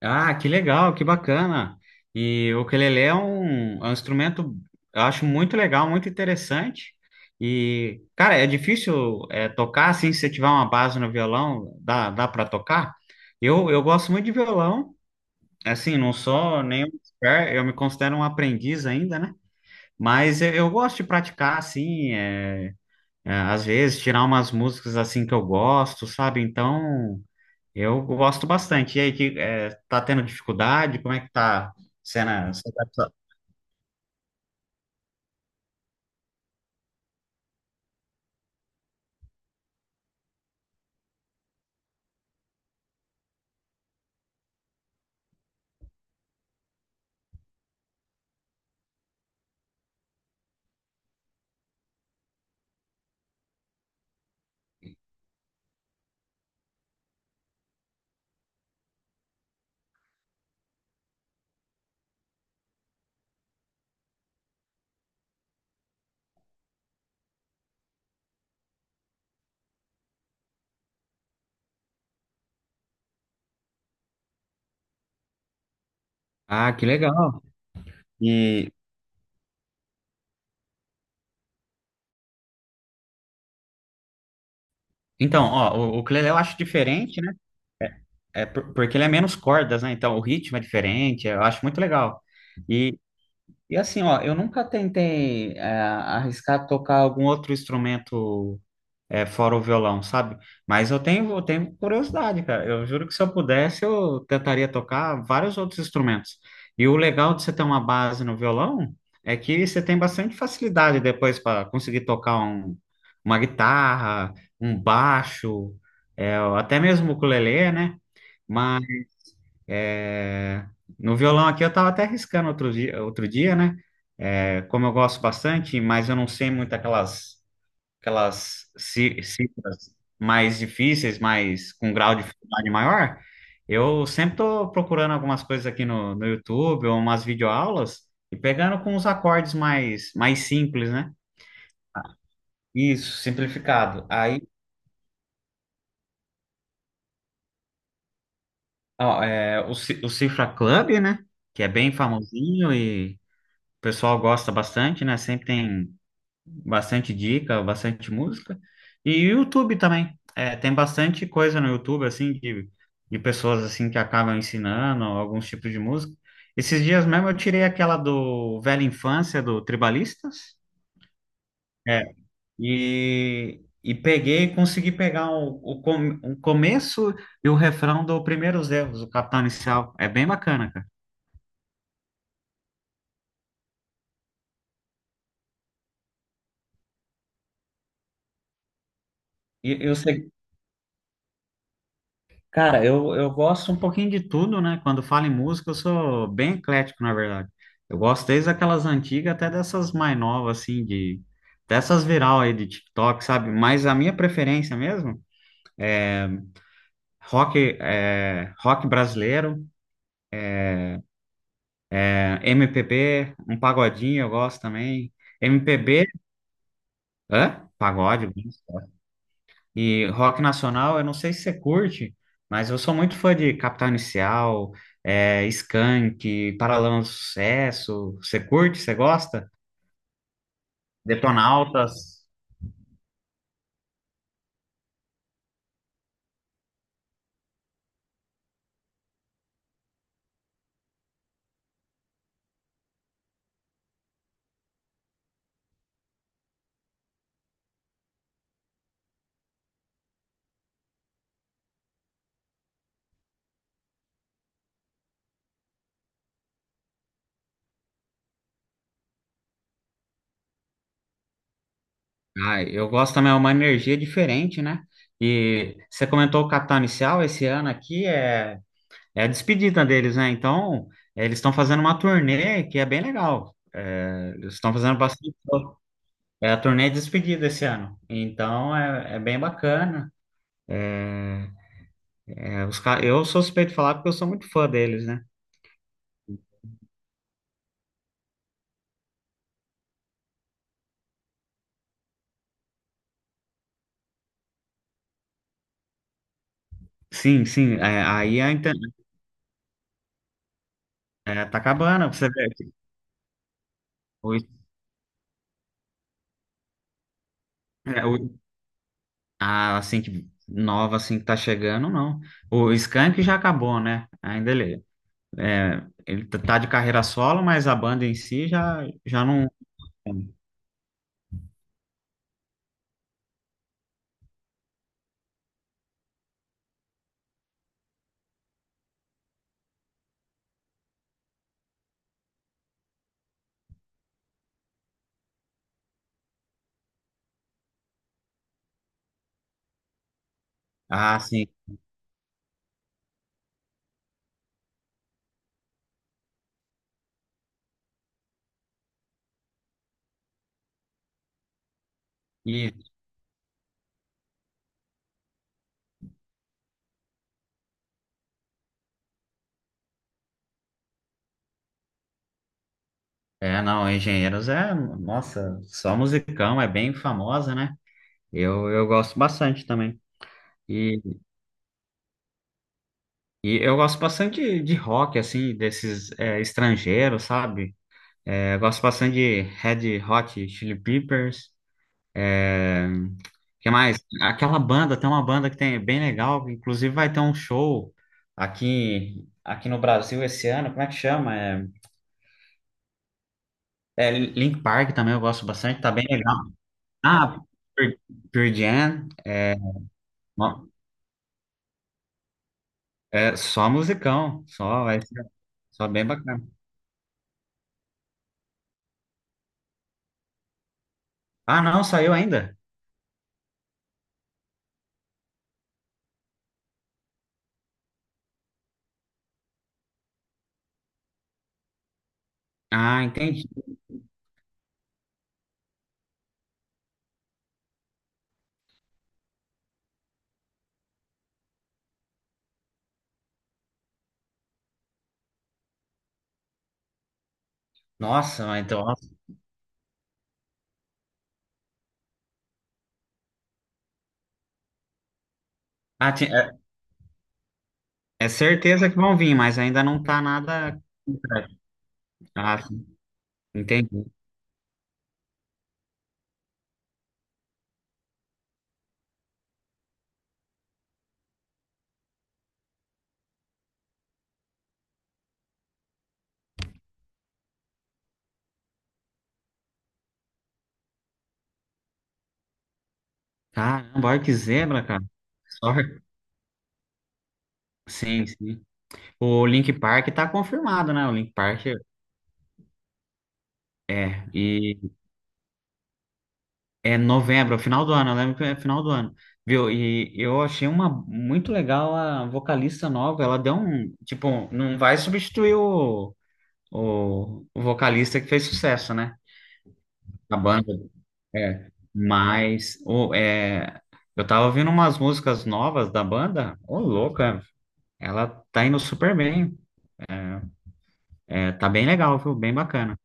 Ah, que legal, que bacana. E o ukulele é um instrumento, eu acho muito legal, muito interessante. E, cara, tocar assim, se você tiver uma base no violão, dá para tocar? Eu gosto muito de violão, assim, não sou nenhum expert, eu me considero um aprendiz ainda, né? Mas eu gosto de praticar, assim, às vezes tirar umas músicas assim que eu gosto, sabe? Então. Eu gosto bastante. E aí, tá tendo dificuldade? Como é que tá sendo? Você tá- Ah, que legal. E então, ó, o ukulele eu acho diferente, né? É por- porque ele é menos cordas, né? Então o ritmo é diferente. Eu acho muito legal. E, e assim, ó, eu nunca tentei arriscar tocar algum outro instrumento, fora o violão, sabe? Mas eu tenho curiosidade, cara. Eu juro que se eu pudesse, eu tentaria tocar vários outros instrumentos. E o legal de você ter uma base no violão é que você tem bastante facilidade depois para conseguir tocar uma guitarra, um baixo, é, até mesmo o ukulele, né? Mas é, no violão aqui eu estava até arriscando outro dia, né? É, como eu gosto bastante, mas eu não sei muito cifras mais difíceis, mas com grau de dificuldade maior, eu sempre estou procurando algumas coisas aqui no YouTube, ou umas videoaulas, e pegando com os acordes mais simples, né? Isso, simplificado. Aí, ó, é, o, o Cifra Club, né? Que é bem famosinho e o pessoal gosta bastante, né? Sempre tem bastante dica, bastante música. E YouTube também. É, tem bastante coisa no YouTube, assim, de pessoas, assim, que acabam ensinando alguns tipos de música. Esses dias mesmo eu tirei aquela do Velha Infância, do Tribalistas, é, e peguei, e consegui pegar o começo e o refrão do Primeiros Erros, o Capital Inicial. É bem bacana, cara. E o se- Cara, eu gosto um pouquinho de tudo, né? Quando falo em música, eu sou bem eclético, na verdade. Eu gosto desde aquelas antigas até dessas mais novas, assim, de... Dessas viral aí de TikTok, sabe? Mas a minha preferência mesmo, rock, é, rock brasileiro, é, MPB, um pagodinho eu gosto também. MPB, hã? Pagode, eu gosto. E rock nacional, eu não sei se você curte, mas eu sou muito fã de Capital Inicial, é, Skank, Paralamas do Sucesso. Você curte? Você gosta? Detonautas. Ah, eu gosto também, é uma energia diferente, né? E você comentou o Capital Inicial, esse ano aqui é, é a despedida deles, né? Então, eles estão fazendo uma turnê que é bem legal. É, eles estão fazendo bastante show. É a turnê de despedida esse ano. Então, é é bem bacana. É, eu sou suspeito de falar porque eu sou muito fã deles, né? Sim, sim. É, tá acabando, você vê o, é, a, assim, que nova assim que tá chegando, não. O Skank já acabou, né? Ainda ele, é, ele tá de carreira solo, mas a banda em si já, já não. Ah, sim. E, é, não, Engenheiros é, nossa, só musicão, é bem famosa, né? Eu gosto bastante também. E E eu gosto bastante de rock, assim, desses é, estrangeiros, sabe? É, eu gosto bastante de Red Hot Chili Peppers. É, que mais? Aquela banda, tem uma banda que tem é bem legal, inclusive vai ter um show aqui no Brasil esse ano. Como é que chama? É, é Linkin Park também eu gosto bastante, tá bem legal. Ah, Pearl Pearl Jam. Ó, é só musicão, só vai ser, só bem bacana. Ah, não, saiu ainda? Ah, entendi. Nossa, mas então. Ah, é, é certeza que vão vir, mas ainda não tá nada. Ah, sim, entendi. Caramba, olha que zebra, cara. Sorte. Sim, sim. O Link Park tá confirmado, né? O Link Park é. E é novembro, é final do ano, eu lembro que é final do ano. Viu? E eu achei uma muito legal a vocalista nova. Ela deu um. Tipo, não vai substituir o vocalista que fez sucesso, né? A banda. É, mas ô, é, eu tava ouvindo umas músicas novas da banda, ô louca, ela tá indo super bem, é, tá bem legal, viu? Bem bacana.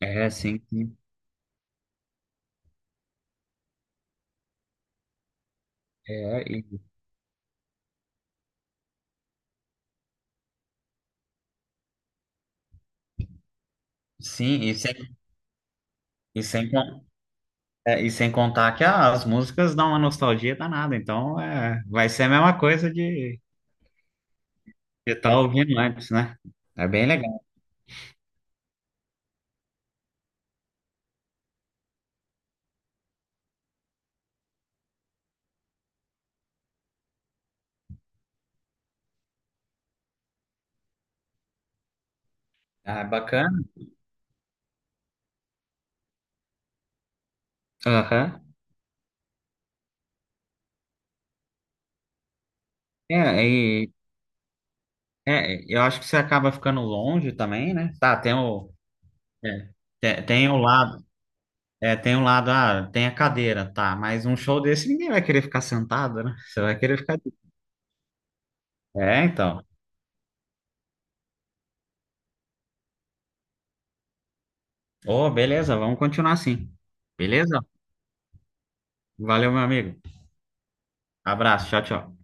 É, sim, sim. É, sim, e sem, sem, é, e sem contar que as músicas dão uma nostalgia danada, então é, vai ser a mesma coisa de estar ouvindo antes, né? É bem legal, é bacana. Aham. É, é, eu acho que você acaba ficando longe também, né? Tá, tem o, é, tem o lado. É, tem um lado, ah, tem a cadeira, tá, mas um show desse ninguém vai querer ficar sentado, né? Você vai querer ficar. É, então. Ô, beleza, vamos continuar assim. Beleza? Valeu, meu amigo. Abraço, tchau, tchau.